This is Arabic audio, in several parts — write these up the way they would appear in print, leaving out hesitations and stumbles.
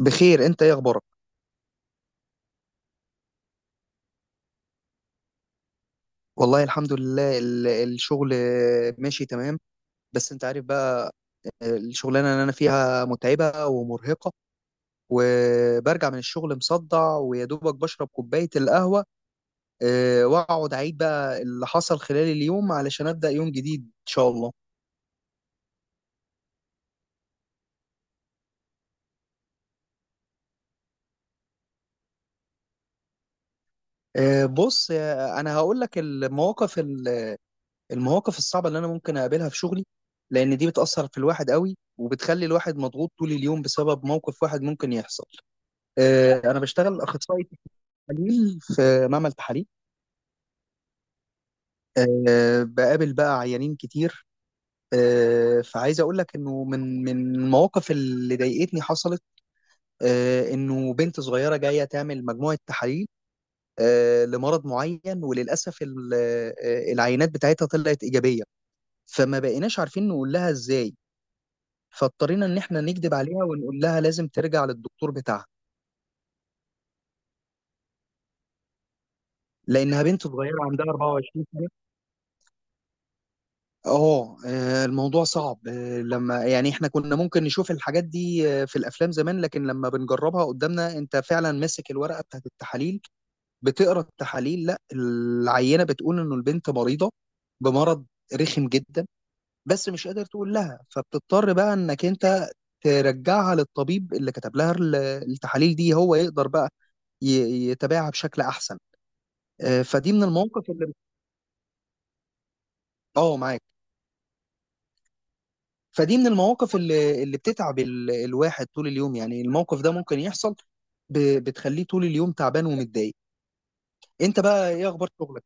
بخير. انت ايه اخبارك؟ والله الحمد لله، الشغل ماشي تمام. بس انت عارف بقى، الشغلانه اللي انا فيها متعبه ومرهقه، وبرجع من الشغل مصدع ويا دوبك بشرب كوبايه القهوه، اه، واقعد اعيد بقى اللي حصل خلال اليوم علشان ابدا يوم جديد ان شاء الله. اه، بص، انا هقول لك المواقف المواقف الصعبه اللي انا ممكن اقابلها في شغلي، لان دي بتاثر في الواحد قوي، وبتخلي الواحد مضغوط طول اليوم بسبب موقف واحد ممكن يحصل. أنا بشتغل أخصائي تحاليل في معمل تحاليل. بقابل بقى عيانين كتير. فعايز أقول لك إنه من المواقف اللي ضايقتني، حصلت إنه بنت صغيرة جاية تعمل مجموعة تحاليل لمرض معين، وللأسف العينات بتاعتها طلعت إيجابية. فما بقيناش عارفين نقول لها إزاي، فاضطرينا إن إحنا نكذب عليها ونقول لها لازم ترجع للدكتور بتاعها، لأنها بنت صغيرة عندها 24. الموضوع صعب، لما يعني احنا كنا ممكن نشوف الحاجات دي في الافلام زمان، لكن لما بنجربها قدامنا انت فعلا ماسك الورقه بتاعت التحاليل، بتقرا التحاليل، لا العينه بتقول انه البنت مريضه بمرض رخم جدا. بس مش قادر تقول لها، فبتضطر بقى انك انت ترجعها للطبيب اللي كتب لها التحاليل دي، هو يقدر بقى يتابعها بشكل احسن. فدي من المواقف اللي... اه، معاك. فدي من المواقف اللي بتتعب الواحد طول اليوم. يعني الموقف ده ممكن يحصل، بتخليه طول اليوم تعبان ومتضايق. انت بقى ايه اخبار شغلك؟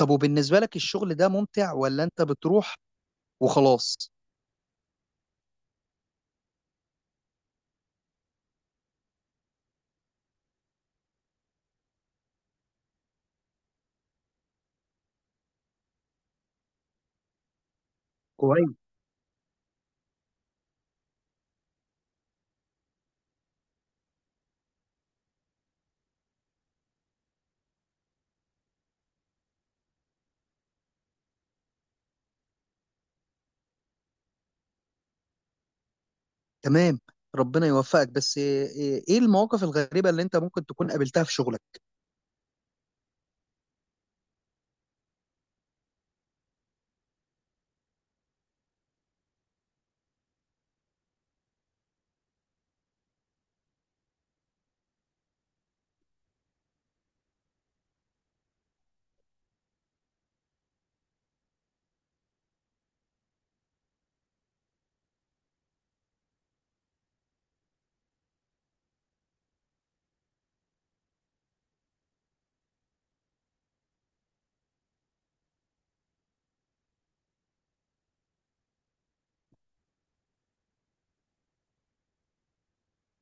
طب وبالنسبة لك، الشغل ده ممتع ولا انت بتروح وخلاص؟ كويس. تمام. ربنا يوفقك. بس إيه المواقف الغريبة اللي انت ممكن تكون قابلتها في شغلك؟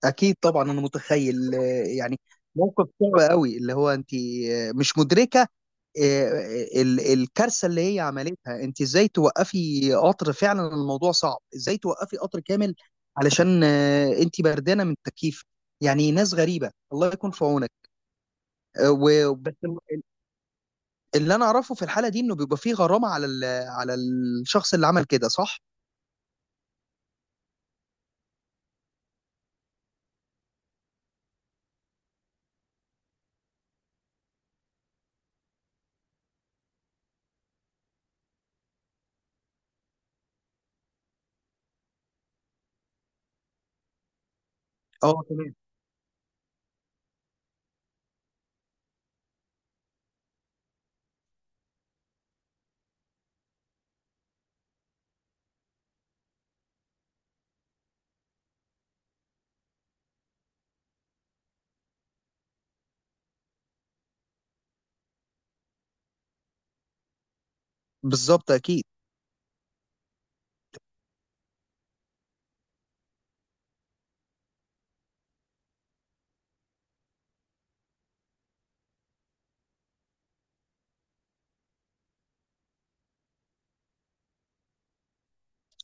اكيد طبعا، انا متخيل. يعني موقف صعب قوي، اللي هو انت مش مدركه آه، الكارثه اللي هي عملتها. انت ازاي توقفي قطر؟ فعلا الموضوع صعب. ازاي توقفي قطر كامل علشان انت بردانه من التكييف؟ يعني ناس غريبه، الله يكون في عونك. وبس. اللي انا اعرفه في الحاله دي انه بيبقى فيه غرامه على الشخص اللي عمل كده، صح؟ اه، تمام. بالظبط، اكيد.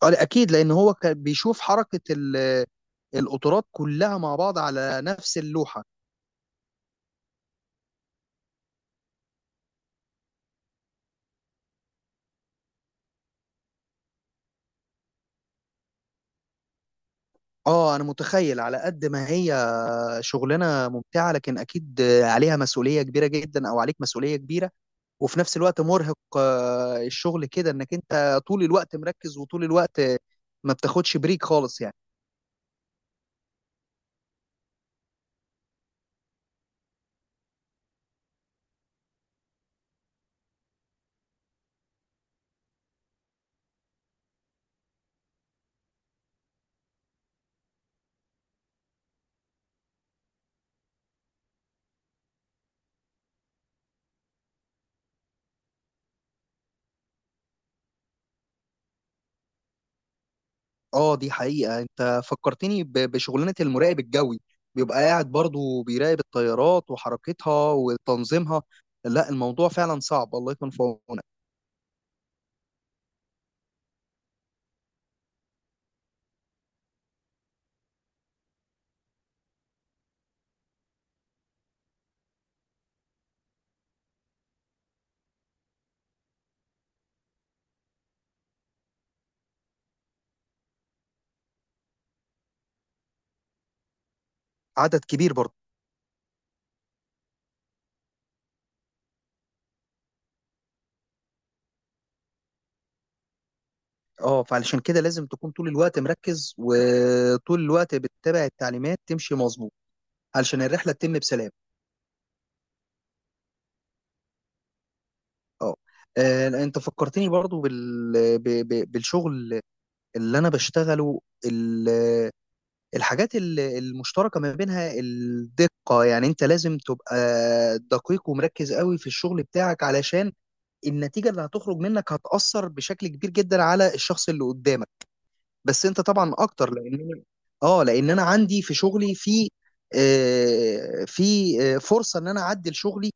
اه، لا، اكيد لان هو كان بيشوف حركه القطارات كلها مع بعض على نفس اللوحه. اه، انا متخيل. على قد ما هي شغلانه ممتعه، لكن اكيد عليها مسؤوليه كبيره جدا، او عليك مسؤوليه كبيره. وفي نفس الوقت مرهق الشغل كده، انك انت طول الوقت مركز، وطول الوقت ما بتاخدش بريك خالص يعني. اه، دي حقيقة. انت فكرتني بشغلانة المراقب الجوي، بيبقى قاعد برضو بيراقب الطيارات وحركتها وتنظيمها. لا، الموضوع فعلا صعب. الله يكون في عونك. عدد كبير برضو. اه، فعلشان كده لازم تكون طول الوقت مركز، وطول الوقت بتتابع التعليمات تمشي مظبوط، علشان الرحلة تتم بسلام. اه. لا، انت فكرتني برضو بالشغل اللي انا بشتغله. الحاجات المشتركة ما بينها الدقة. يعني انت لازم تبقى دقيق ومركز قوي في الشغل بتاعك، علشان النتيجة اللي هتخرج منك هتأثر بشكل كبير جدا على الشخص اللي قدامك. بس انت طبعا اكتر، لان انا عندي في شغلي، في آه، في آه، فرصه ان انا اعدل شغلي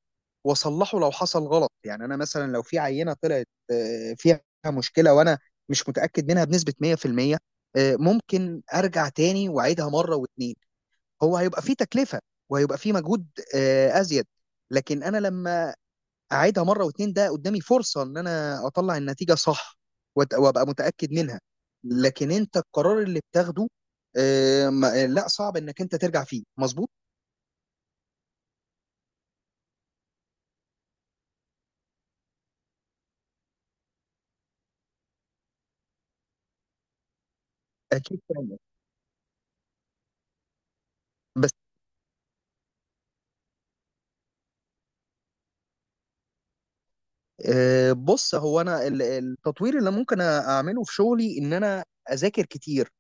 واصلحه لو حصل غلط. يعني انا مثلا لو في عينه طلعت فيها مشكله، وانا مش متاكد منها بنسبه 100%، ممكن ارجع تاني واعيدها مره واتنين. هو هيبقى في تكلفه، وهيبقى في مجهود ازيد، لكن انا لما اعيدها مره واتنين، ده قدامي فرصه ان انا اطلع النتيجه صح وابقى متاكد منها. لكن انت القرار اللي بتاخده لا، صعب انك انت ترجع فيه مظبوط. اكيد فاهم. بس بص، هو انا التطوير اللي ممكن اعمله في شغلي ان انا اذاكر كتير.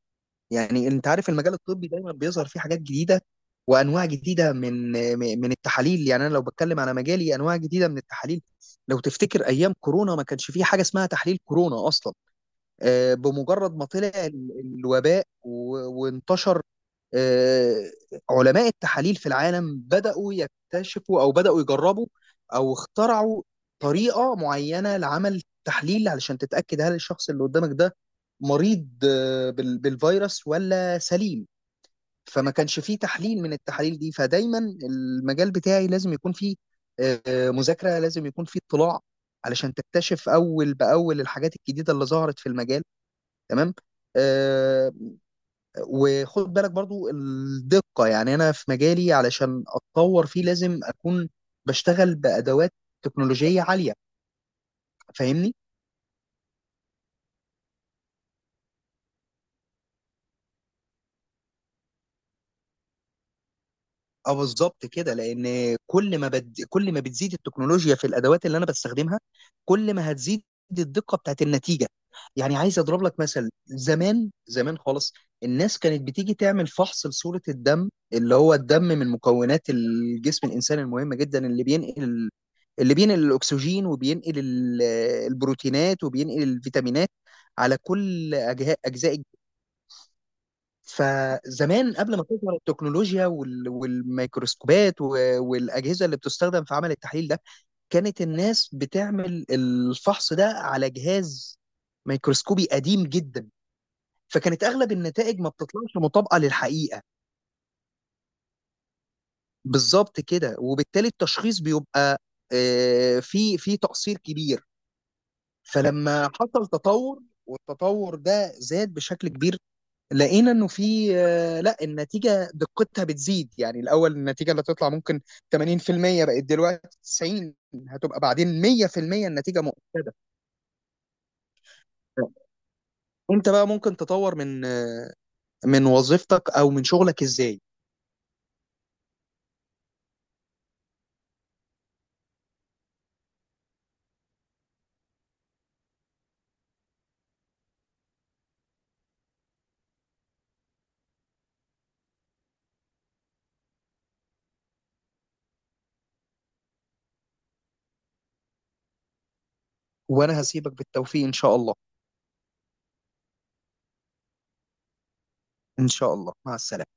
يعني انت عارف، المجال الطبي دايما بيظهر فيه حاجات جديده، وانواع جديده من التحاليل. يعني انا لو بتكلم على مجالي، انواع جديده من التحاليل، لو تفتكر ايام كورونا ما كانش فيه حاجه اسمها تحليل كورونا اصلا. بمجرد ما طلع الوباء وانتشر، آه، علماء التحاليل في العالم بدأوا يكتشفوا، أو بدأوا يجربوا، أو اخترعوا طريقة معينة لعمل تحليل علشان تتأكد هل الشخص اللي قدامك ده مريض بالفيروس ولا سليم. فما كانش فيه تحليل من التحاليل دي. فدايما المجال بتاعي لازم يكون فيه مذاكرة، لازم يكون فيه اطلاع، علشان تكتشف أول بأول الحاجات الجديدة اللي ظهرت في المجال. تمام. آه وخد بالك برضو الدقة. يعني أنا في مجالي علشان أتطور فيه لازم أكون بشتغل بأدوات تكنولوجية عالية. فاهمني؟ اه، بالظبط كده. لان كل ما بتزيد التكنولوجيا في الادوات اللي انا بستخدمها، كل ما هتزيد الدقه بتاعت النتيجه. يعني عايز اضرب لك مثل، زمان زمان خالص. الناس كانت بتيجي تعمل فحص لصوره الدم، اللي هو الدم من مكونات الجسم الانساني المهمه جدا، اللي بينقل الاكسجين، وبينقل البروتينات، وبينقل الفيتامينات على كل اجزاء. فزمان، قبل ما تظهر التكنولوجيا والميكروسكوبات والأجهزة اللي بتستخدم في عمل التحليل ده، كانت الناس بتعمل الفحص ده على جهاز ميكروسكوبي قديم جدا، فكانت أغلب النتائج ما بتطلعش مطابقة للحقيقة. بالظبط كده. وبالتالي التشخيص بيبقى في تقصير كبير. فلما حصل تطور، والتطور ده زاد بشكل كبير، لقينا انه في لا، النتيجه دقتها بتزيد. يعني الاول النتيجه اللي هتطلع ممكن 80%، بقت دلوقتي 90، هتبقى بعدين 100%، النتيجه مؤكده. انت بقى ممكن تطور من وظيفتك او من شغلك ازاي؟ وانا هسيبك. بالتوفيق ان شاء الله. ان شاء الله. مع السلامه.